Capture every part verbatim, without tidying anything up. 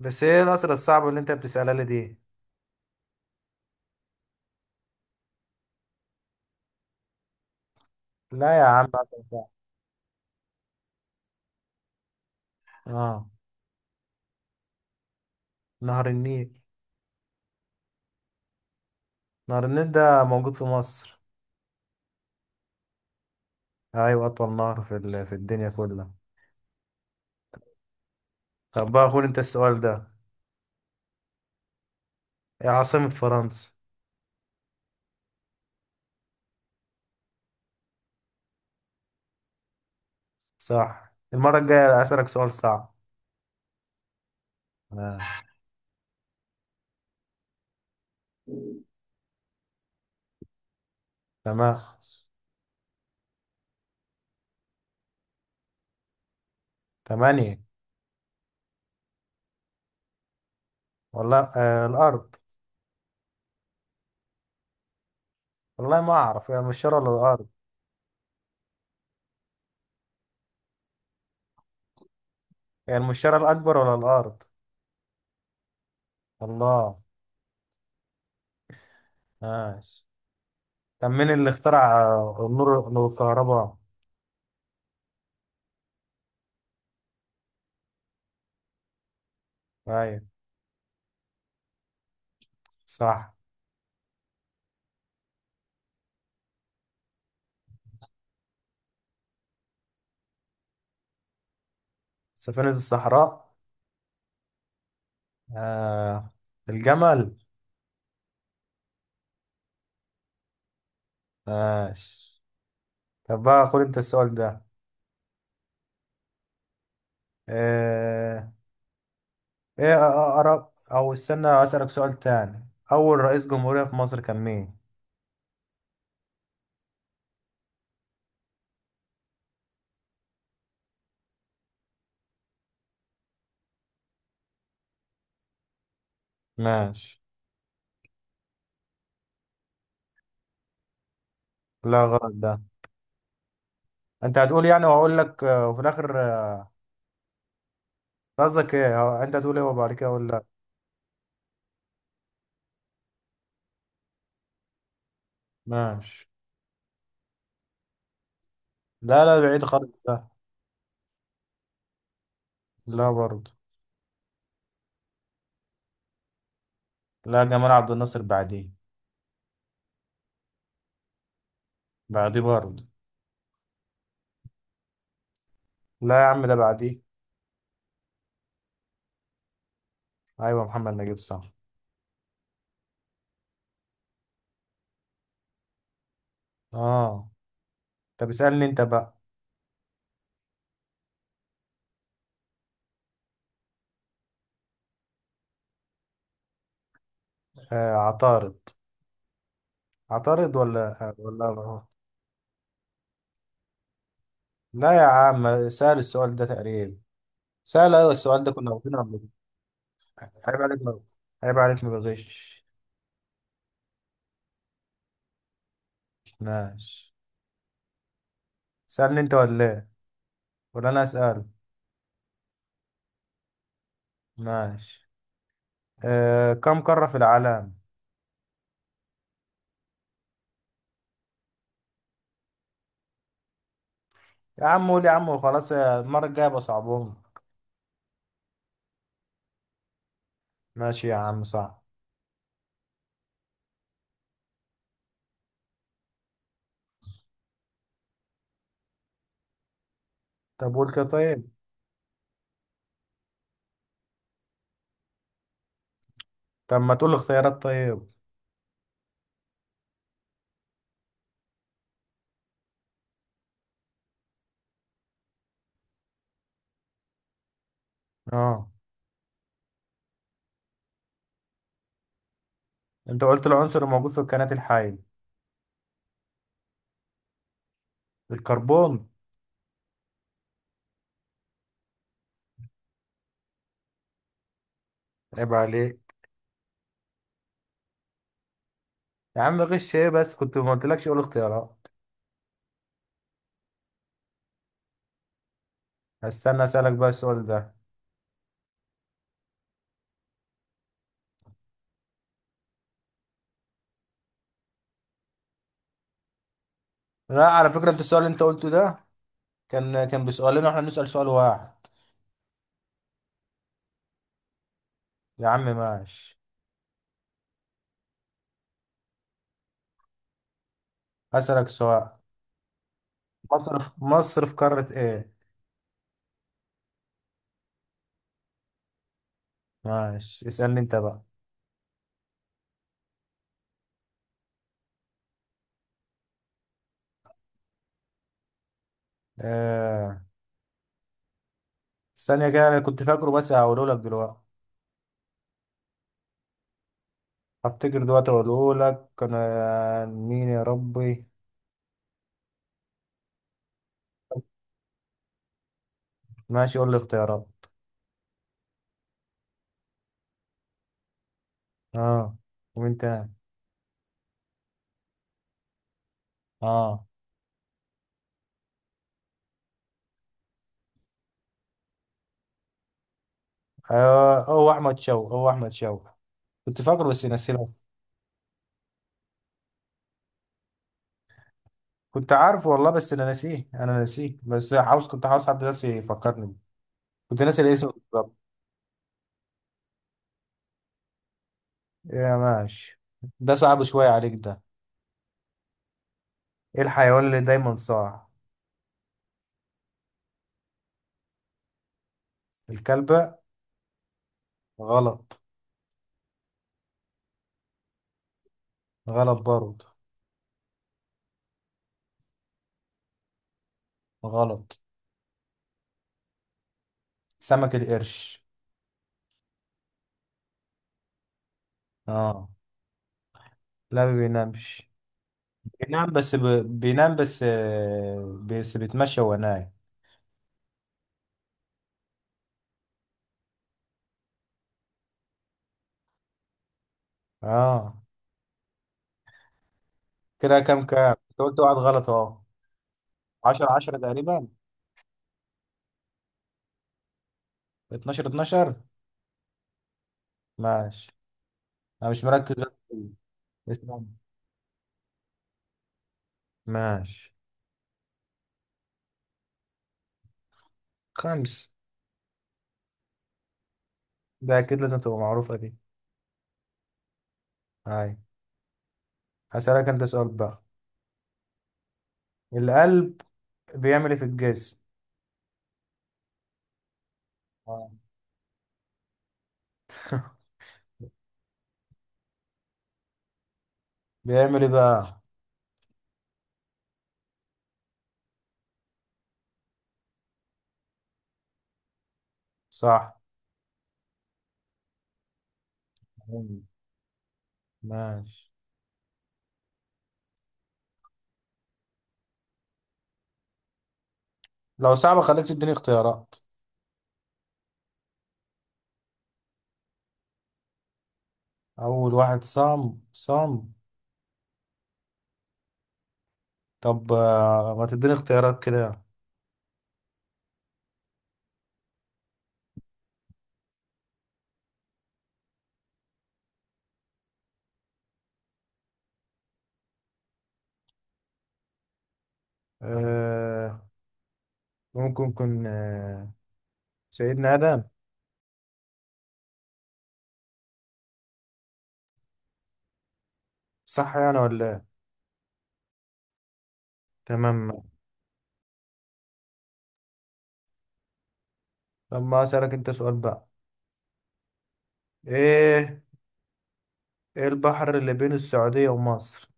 بس ايه الأسئلة الصعبة اللي انت بتسألها لي دي. لا يا عم أسئلة صعبة. اه. نهر النيل. نهر النيل ده موجود في مصر. ايوه اطول نهر في ال- في الدنيا كلها. طب بقى خد انت السؤال ده. ايه عاصمة فرنسا؟ صح، المرة الجاية أسألك سؤال صعب. آه. تمام. تمانية. والله آه الأرض. والله ما أعرف، هي المشتري ولا الأرض؟ هي المشتري الأكبر ولا الأرض؟ الله. ماشي. طب مين اللي اخترع آه، النور، الكهرباء؟ أيوة. صح. سفينة الصحراء. آه. الجمل. ماشي. طب بقى خد انت السؤال ده. آه. ايه اقرب او استنى اسألك سؤال تاني، اول رئيس جمهورية في مصر كان مين؟ ماشي. لا غلط ده. انت هتقول يعني واقول لك آه، وفي الاخر آه، قصدك ايه هو- انت هتقول ايه وبعد كده اقول لا؟ ماشي. لا لا، بعيد خالص ده. لا برضه. لا، جمال عبد الناصر بعديه. بعديه برضه. لا يا عم ده بعديه. ايوه محمد نجيب صح. اه. طب اسألني انت بقى. آه عطارد. عطارد ولا ولا. لا يا عم سهل السؤال ده تقريبا. سهل أوي السؤال ده، كنا واخدينه قبل كده. عيب عليك ما. عيب عليك ما بغش. ماشي. سألني أنت ولا إيه؟ ولا أنا أسأل؟ ماشي. آه، كم قارة في العالم؟ يا عم قول يا عم وخلاص يا- المرة الجاية بصعبهم. ماشي يا عم صح. طب قول كده طيب. طب ما تقول اختيارات طيب. اه. انت قلت العنصر الموجود في الكائنات الحية. الكربون. عيب عليك. يا عم غش ايه بس، كنت ما قلتلكش اقول اختيارات. هستنى اسالك بقى السؤال ده. لا على فكره، انت السؤال اللي انت قلته ده كان كان بسؤالين واحنا بنسال سؤال واحد. يا عم ماشي. هسالك سؤال، مصر في مصر في قاره ايه؟ ماشي، اسالني انت بقى. آه. ثانيه كده انا كنت فاكره بس هقوله لك دلوقتي. هفتكر دلوقتي اقوله لك، كان آه، مين يا ربي؟ ماشي، قول لي اختيارات. اه. ومين تاني؟ اه. آه، هو احمد شوقي، هو احمد شوقي. كنت فاكره بس نسيت. كنت عارف والله بس انا ناسيه، انا ناسيه، بس عاوز كنت عاوز حد بس يفكرني بيه. كنت ناسي الاسم بالظبط. يا ماشي. ده صعب شوية عليك ده. ايه الحيوان اللي دايما صاع؟ الكلبة. غلط. غلط برضه. غلط. سمك القرش. اه. لا ما بينامش. بينام بس ب... بينام بس آه، بس بيتمشى وهو نايم. اه. كده كام كام انت قلت واحد غلط اهو. عشرة عشرة تقريبا. اتناشر اتناشر. ماشي. انا مش مركز بس. اسمع، ماشي. خمس. ده أكيد لازم تبقى معروفة دي. هاي. هسألك أنت سؤال بقى. القلب بيعمل إيه في الجسم؟ آه. بيعمل إيه بقى؟ صح. مم. ماشي. لو صعبة خليك تديني اختيارات. أول واحد صام صام. طب آه، ما تديني اختيارات كده. آه، ممكن يكون آه سيدنا آدم. صح يعني ولا إيه؟ تمام. طب ما أسألك أنت سؤال بقى. إيه، إيه البحر اللي بين السعودية ومصر؟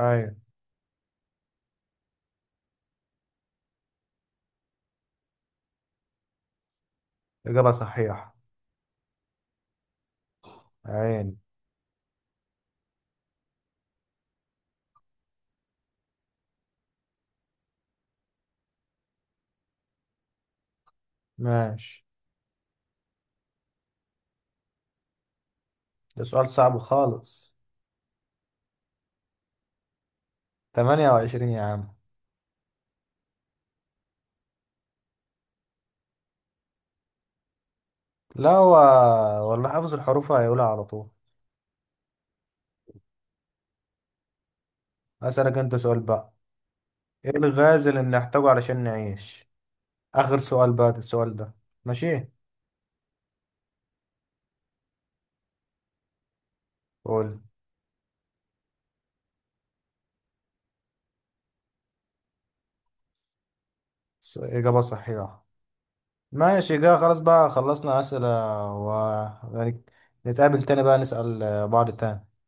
أيوة. إجابة صحيحة. عين. ماشي. ده سؤال صعب خالص. ثمانية وعشرين يا عم. لا هو، والله حافظ الحروف هيقولها على طول. أسألك أنت سؤال بقى. إيه الغاز اللي بنحتاجه علشان نعيش؟ آخر سؤال بقى ده السؤال ده. ماشي. قول. س- إجابة صحيحة. ماشي كده، خلاص بقى خلصنا أسئلة. و يعني، نتقابل تاني بقى نسأل بعض تاني.